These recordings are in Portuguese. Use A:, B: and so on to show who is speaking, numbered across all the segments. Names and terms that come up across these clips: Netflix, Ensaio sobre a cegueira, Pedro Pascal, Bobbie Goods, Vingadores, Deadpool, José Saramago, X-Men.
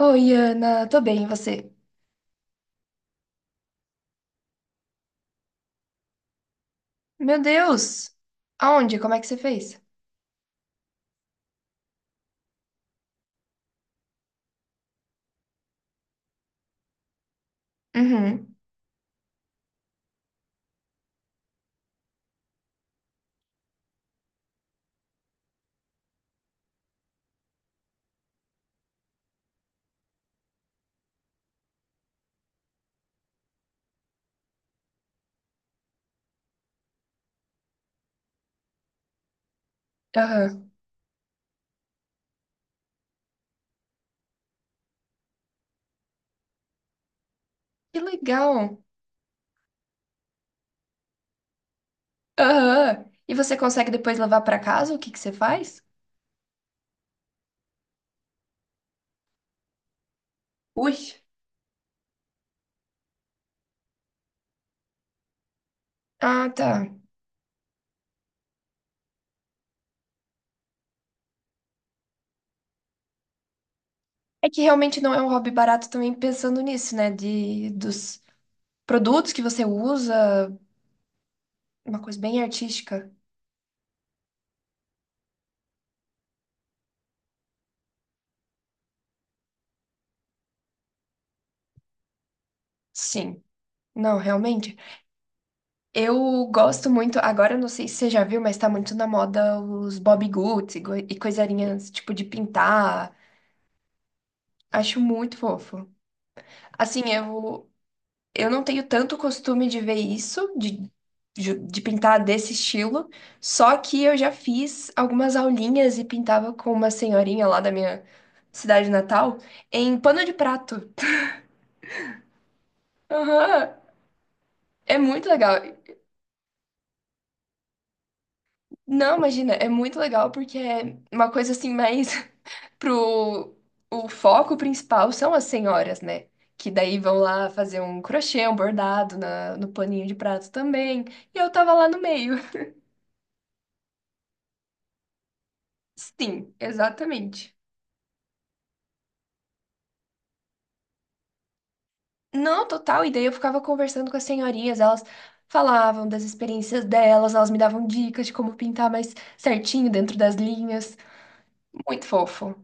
A: Oi, Ana, tô bem, e você? Meu Deus! Aonde? Como é que você fez? Uhum, aham. Que legal! Aham. E você consegue depois levar pra casa? O que que você faz? Ui. Ah, tá. É que realmente não é um hobby barato também pensando nisso, né? Dos produtos que você usa, uma coisa bem artística. Sim. Não, realmente. Eu gosto muito, agora eu não sei se você já viu, mas tá muito na moda os Bobbie Goods e, e coisarinhas tipo de pintar. Acho muito fofo. Assim, eu, eu não tenho tanto costume de ver isso, de pintar desse estilo, só que eu já fiz algumas aulinhas e pintava com uma senhorinha lá da minha cidade natal em pano de prato. Aham, é muito legal. Não, imagina, é muito legal porque é uma coisa assim mais pro o foco principal são as senhoras, né? Que daí vão lá fazer um crochê, um bordado no paninho de prato também. E eu tava lá no meio. Sim, exatamente. Não, total. E daí eu ficava conversando com as senhorinhas, elas falavam das experiências delas, elas me davam dicas de como pintar mais certinho dentro das linhas. Muito fofo.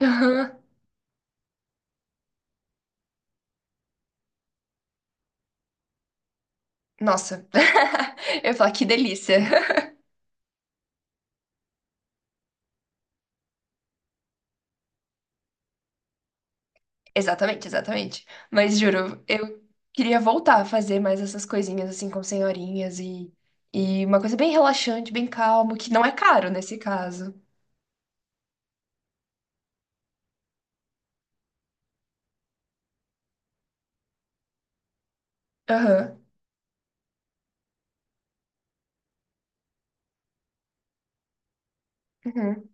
A: Aham. Nossa. Eu ia falar, que delícia. Exatamente, exatamente. Mas juro, eu queria voltar a fazer mais essas coisinhas assim com senhorinhas e uma coisa bem relaxante, bem calmo, que não é caro nesse caso. Aham. Uhum.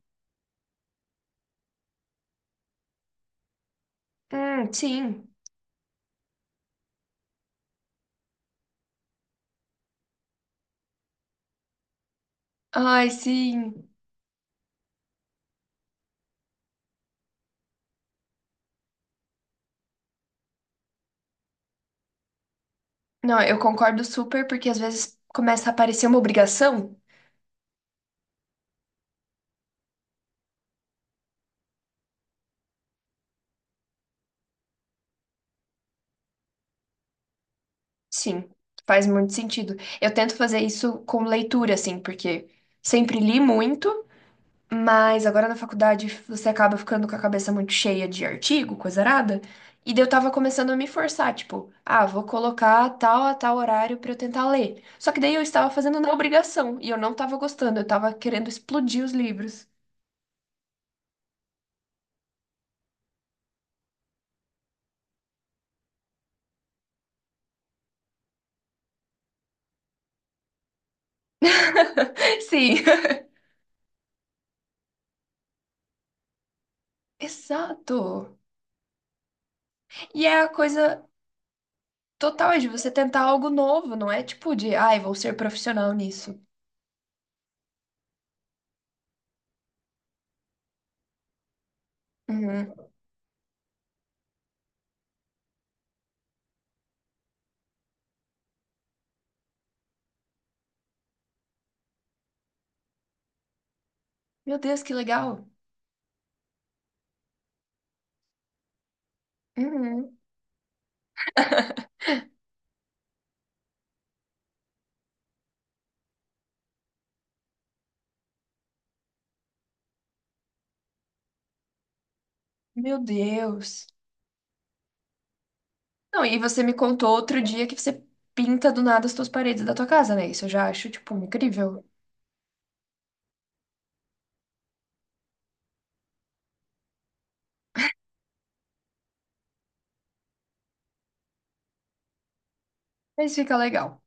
A: Sim. Ai, sim. Não, eu concordo super, porque às vezes começa a parecer uma obrigação. Sim, faz muito sentido. Eu tento fazer isso com leitura, assim, porque sempre li muito. Mas agora na faculdade você acaba ficando com a cabeça muito cheia de artigo, coisa arada. E daí eu tava começando a me forçar, tipo, ah, vou colocar tal a tal horário pra eu tentar ler. Só que daí eu estava fazendo na obrigação e eu não tava gostando, eu tava querendo explodir os livros. Sim, exato. E é a coisa total é de você tentar algo novo, não é tipo de, ai, vou ser profissional nisso. Uhum. Meu Deus, que legal. Uhum. Meu Deus. Não, e você me contou outro dia que você pinta do nada as tuas paredes da tua casa, né? Isso eu já acho, tipo, incrível. Mas fica legal.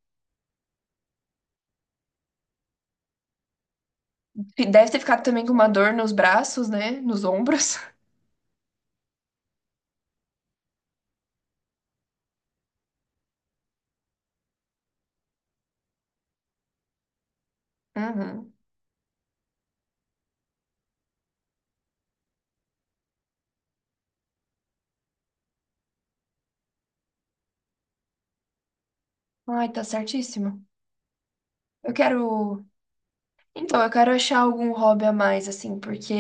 A: E deve ter ficado também com uma dor nos braços, né? Nos ombros. Uhum. Ai, tá certíssimo. Eu quero. Então, eu quero achar algum hobby a mais, assim, porque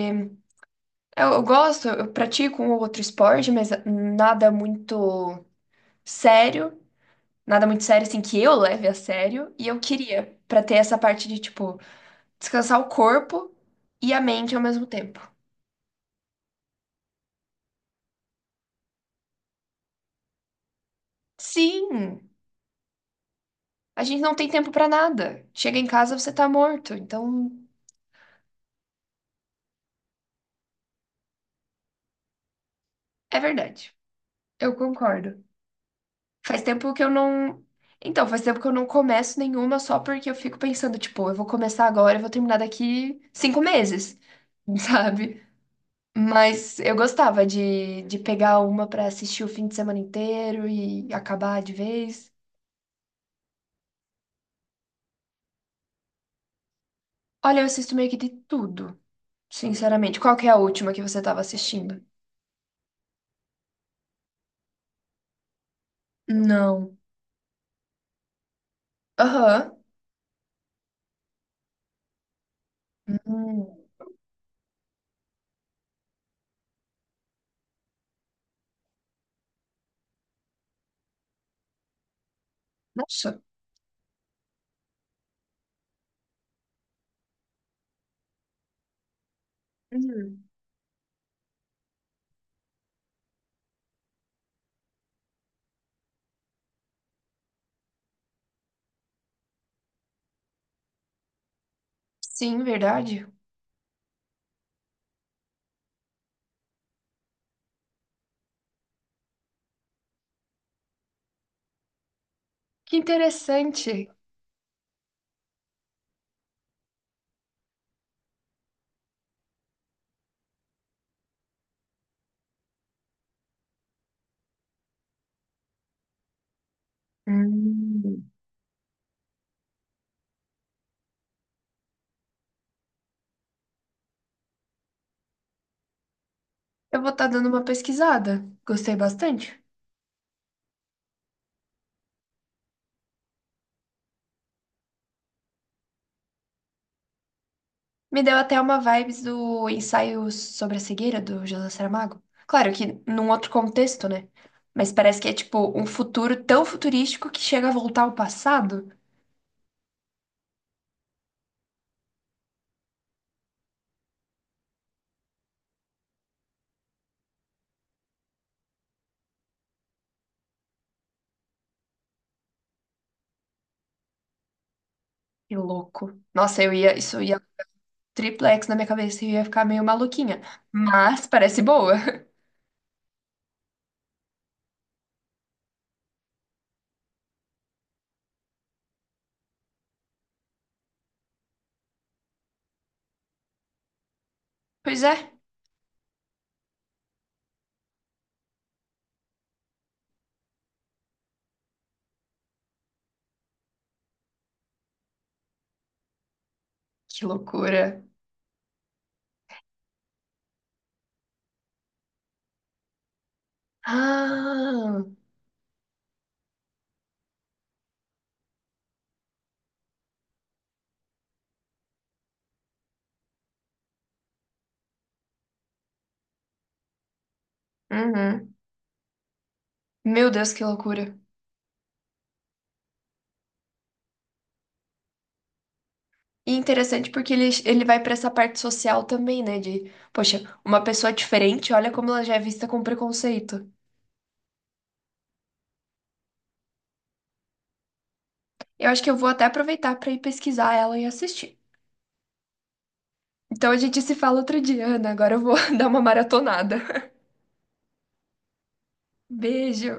A: eu gosto, eu pratico um ou outro esporte, mas nada muito sério. Nada muito sério, assim, que eu leve a sério. E eu queria, pra ter essa parte de, tipo, descansar o corpo e a mente ao mesmo tempo. Sim, a gente não tem tempo pra nada. Chega em casa, você tá morto. Então, é verdade. Eu concordo. Faz tempo que eu não. Então, faz tempo que eu não começo nenhuma só porque eu fico pensando, tipo, eu vou começar agora, eu vou terminar daqui 5 meses, sabe? Mas eu gostava de pegar uma pra assistir o fim de semana inteiro e acabar de vez. Olha, eu assisto meio que de tudo, sinceramente. Qual que é a última que você tava assistindo? Não. Aham. Hum. Nossa. Hum. Sim, verdade. Que interessante. Hum. Eu vou estar dando uma pesquisada. Gostei bastante. Me deu até uma vibes do ensaio sobre a cegueira do José Saramago. Claro que num outro contexto, né? Mas parece que é tipo um futuro tão futurístico que chega a voltar ao passado. Que louco. Nossa, eu ia, isso ia triplex na minha cabeça e eu ia ficar meio maluquinha. Mas parece boa. Pois é. Que loucura. Ah. Uhum. Meu Deus, que loucura. E interessante porque ele vai pra essa parte social também, né? De, poxa, uma pessoa diferente, olha como ela já é vista com preconceito. Eu acho que eu vou até aproveitar pra ir pesquisar ela e assistir. Então a gente se fala outro dia, Ana. Agora eu vou dar uma maratonada. Beijo!